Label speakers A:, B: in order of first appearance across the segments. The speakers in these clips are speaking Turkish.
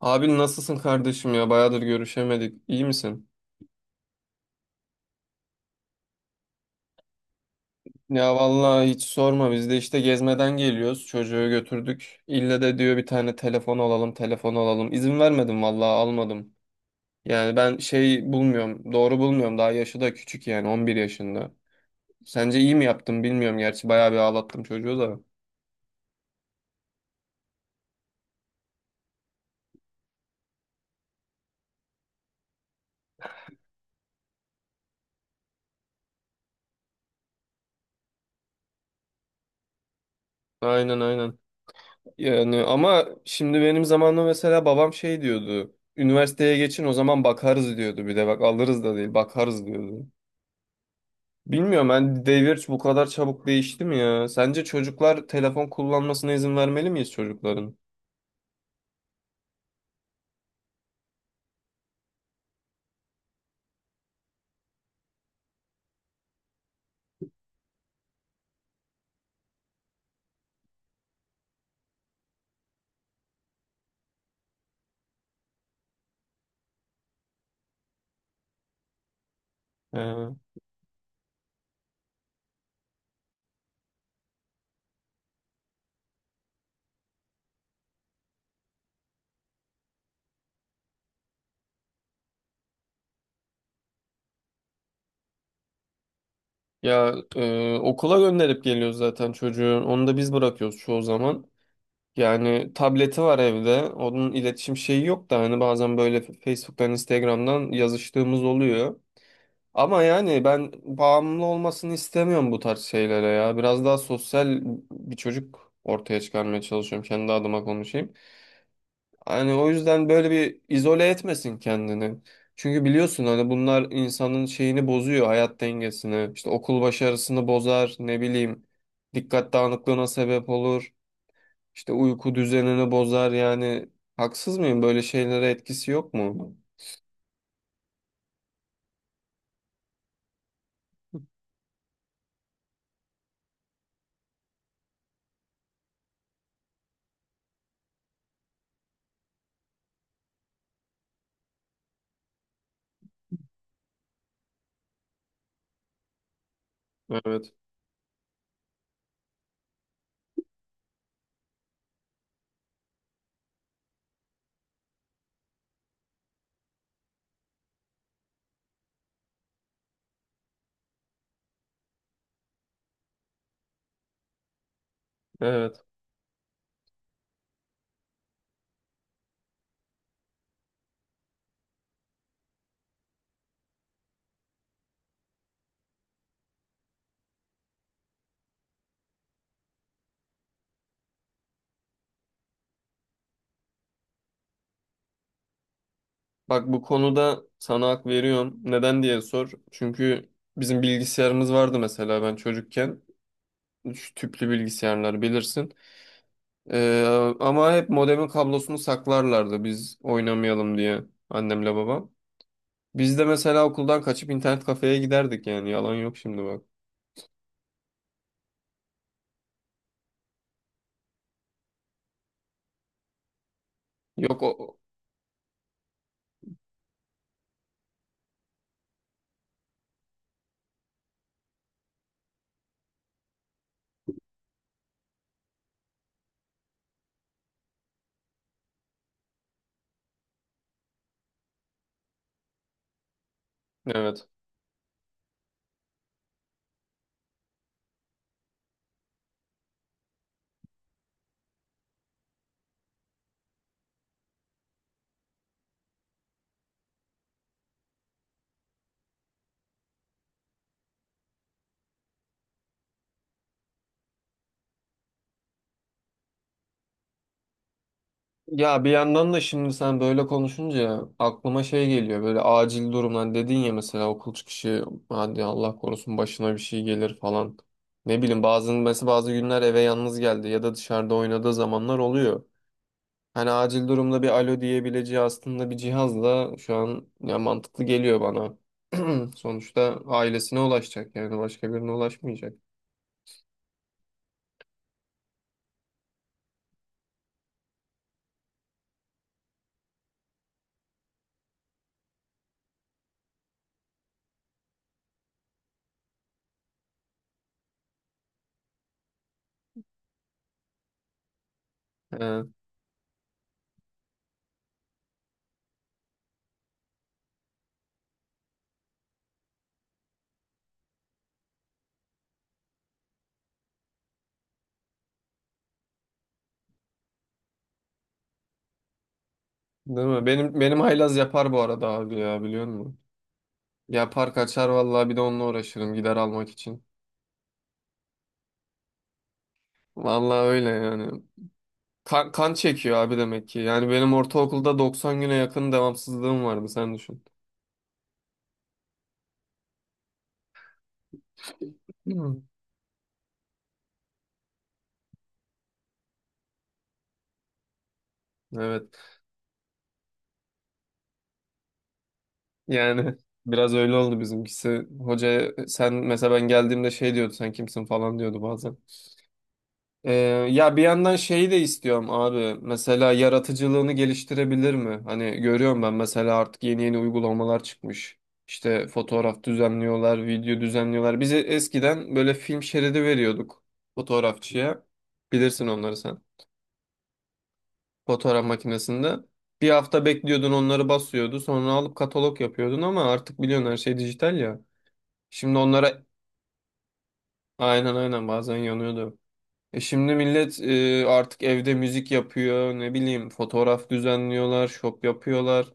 A: Abi nasılsın kardeşim ya? Bayağıdır görüşemedik. İyi misin? Ya vallahi hiç sorma. Biz de işte gezmeden geliyoruz. Çocuğu götürdük. İlle de diyor bir tane telefon alalım, telefon alalım. İzin vermedim vallahi almadım. Yani ben şey bulmuyorum, doğru bulmuyorum. Daha yaşı da küçük yani 11 yaşında. Sence iyi mi yaptım bilmiyorum. Gerçi bayağı bir ağlattım çocuğu da. Aynen aynen. Yani ama şimdi benim zamanımda mesela babam şey diyordu. Üniversiteye geçin o zaman bakarız diyordu. Bir de bak alırız da değil bakarız diyordu. Bilmiyorum ben devir bu kadar çabuk değişti mi ya? Sence çocuklar telefon kullanmasına izin vermeli miyiz çocukların? Ee, ya okula gönderip geliyoruz zaten çocuğu. Onu da biz bırakıyoruz çoğu zaman. Yani tableti var evde. Onun iletişim şeyi yok da hani bazen böyle Facebook'tan, Instagram'dan yazıştığımız oluyor. Ama yani ben bağımlı olmasını istemiyorum bu tarz şeylere ya. Biraz daha sosyal bir çocuk ortaya çıkarmaya çalışıyorum. Kendi adıma konuşayım. Hani o yüzden böyle bir izole etmesin kendini. Çünkü biliyorsun hani bunlar insanın şeyini bozuyor, hayat dengesini. İşte okul başarısını bozar, ne bileyim. Dikkat dağınıklığına sebep olur. İşte uyku düzenini bozar yani. Haksız mıyım? Böyle şeylere etkisi yok mu? Evet, evet. Bak bu konuda sana hak veriyorum. Neden diye sor. Çünkü bizim bilgisayarımız vardı mesela ben çocukken. Şu tüplü bilgisayarlar bilirsin. Ee, ama hep modemin kablosunu saklarlardı biz oynamayalım diye annemle babam. Biz de mesela okuldan kaçıp internet kafeye giderdik yani yalan yok şimdi bak. Yok o evet. Ya bir yandan da şimdi sen böyle konuşunca aklıma şey geliyor böyle acil durumdan dedin ya mesela okul çıkışı hadi Allah korusun başına bir şey gelir falan. Ne bileyim bazı mesela bazı günler eve yalnız geldi ya da dışarıda oynadığı zamanlar oluyor. Hani acil durumda bir alo diyebileceği aslında bir cihazla şu an ya mantıklı geliyor bana. Sonuçta ailesine ulaşacak yani başka birine ulaşmayacak. He, değil mi? Benim haylaz yapar bu arada abi ya biliyor musun? Yapar kaçar vallahi bir de onunla uğraşırım gider almak için. Vallahi öyle yani. Kan çekiyor abi demek ki. Yani benim ortaokulda 90 güne yakın devamsızlığım vardı sen düşün. Hı. Evet. Yani biraz öyle oldu bizimkisi. Hoca sen mesela ben geldiğimde şey diyordu sen kimsin falan diyordu bazen. Ee, ya bir yandan şeyi de istiyorum abi. Mesela yaratıcılığını geliştirebilir mi? Hani görüyorum ben mesela artık yeni yeni uygulamalar çıkmış. İşte fotoğraf düzenliyorlar, video düzenliyorlar. Bize eskiden böyle film şeridi veriyorduk fotoğrafçıya. Bilirsin onları sen. Fotoğraf makinesinde. Bir hafta bekliyordun onları basıyordu. Sonra alıp katalog yapıyordun ama artık biliyorsun her şey dijital ya. Şimdi onlara aynen aynen bazen yanıyordu. E şimdi millet artık evde müzik yapıyor, ne bileyim fotoğraf düzenliyorlar, şop yapıyorlar.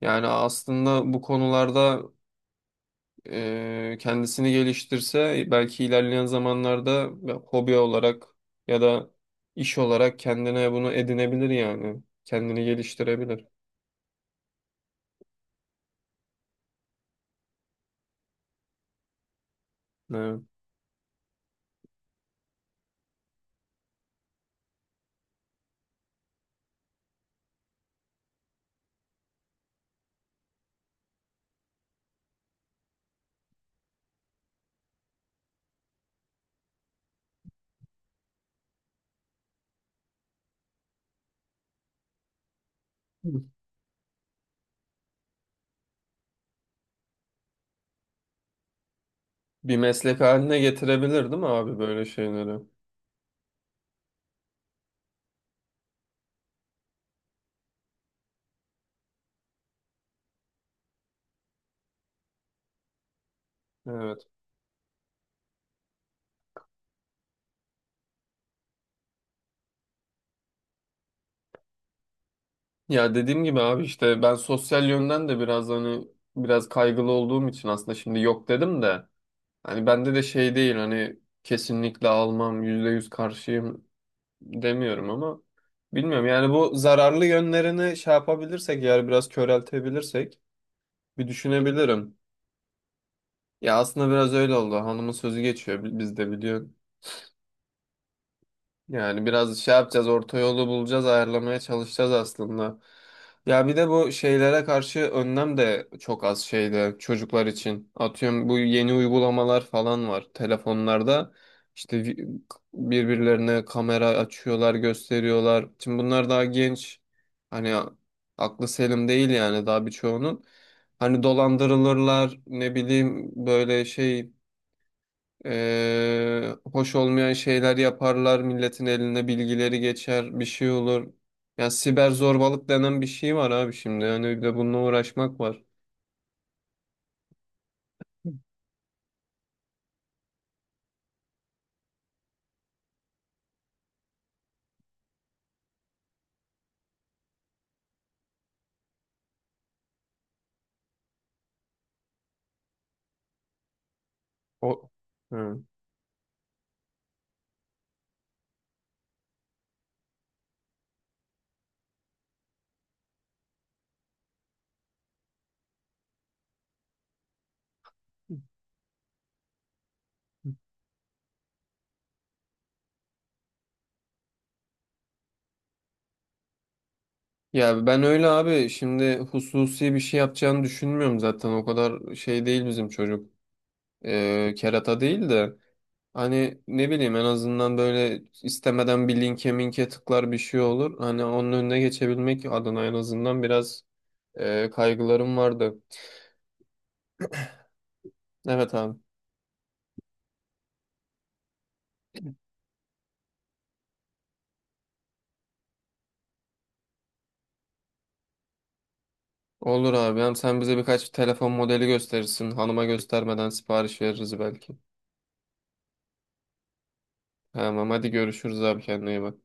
A: Yani aslında bu konularda kendisini geliştirse belki ilerleyen zamanlarda hobi olarak ya da iş olarak kendine bunu edinebilir yani. Kendini geliştirebilir. Evet. Bir meslek haline getirebilir değil mi abi böyle şeyleri? Evet. Ya dediğim gibi abi işte ben sosyal yönden de biraz hani biraz kaygılı olduğum için aslında şimdi yok dedim de hani bende de şey değil hani kesinlikle almam %100 karşıyım demiyorum ama bilmiyorum yani bu zararlı yönlerini şey yapabilirsek yani biraz köreltebilirsek bir düşünebilirim. Ya aslında biraz öyle oldu hanımın sözü geçiyor bizde biliyorsun. Yani biraz şey yapacağız, orta yolu bulacağız, ayarlamaya çalışacağız aslında. Ya bir de bu şeylere karşı önlem de çok az şeyde çocuklar için. Atıyorum bu yeni uygulamalar falan var telefonlarda. İşte birbirlerine kamera açıyorlar, gösteriyorlar. Şimdi bunlar daha genç. Hani aklı selim değil yani daha birçoğunun. Hani dolandırılırlar, ne bileyim böyle şey hoş olmayan şeyler yaparlar, milletin eline bilgileri geçer, bir şey olur. Ya siber zorbalık denen bir şey var abi şimdi. Yani bir de bununla uğraşmak var. O hı. Ya ben öyle abi şimdi hususi bir şey yapacağını düşünmüyorum zaten. O kadar şey değil bizim çocuk. Kerata değil de. Hani ne bileyim en azından böyle istemeden bir linke minke tıklar bir şey olur. Hani onun önüne geçebilmek adına en azından biraz kaygılarım vardı. Evet abi. Olur abi. Hem sen bize birkaç telefon modeli gösterirsin. Hanıma göstermeden sipariş veririz belki. Tamam hadi görüşürüz abi kendine iyi bak.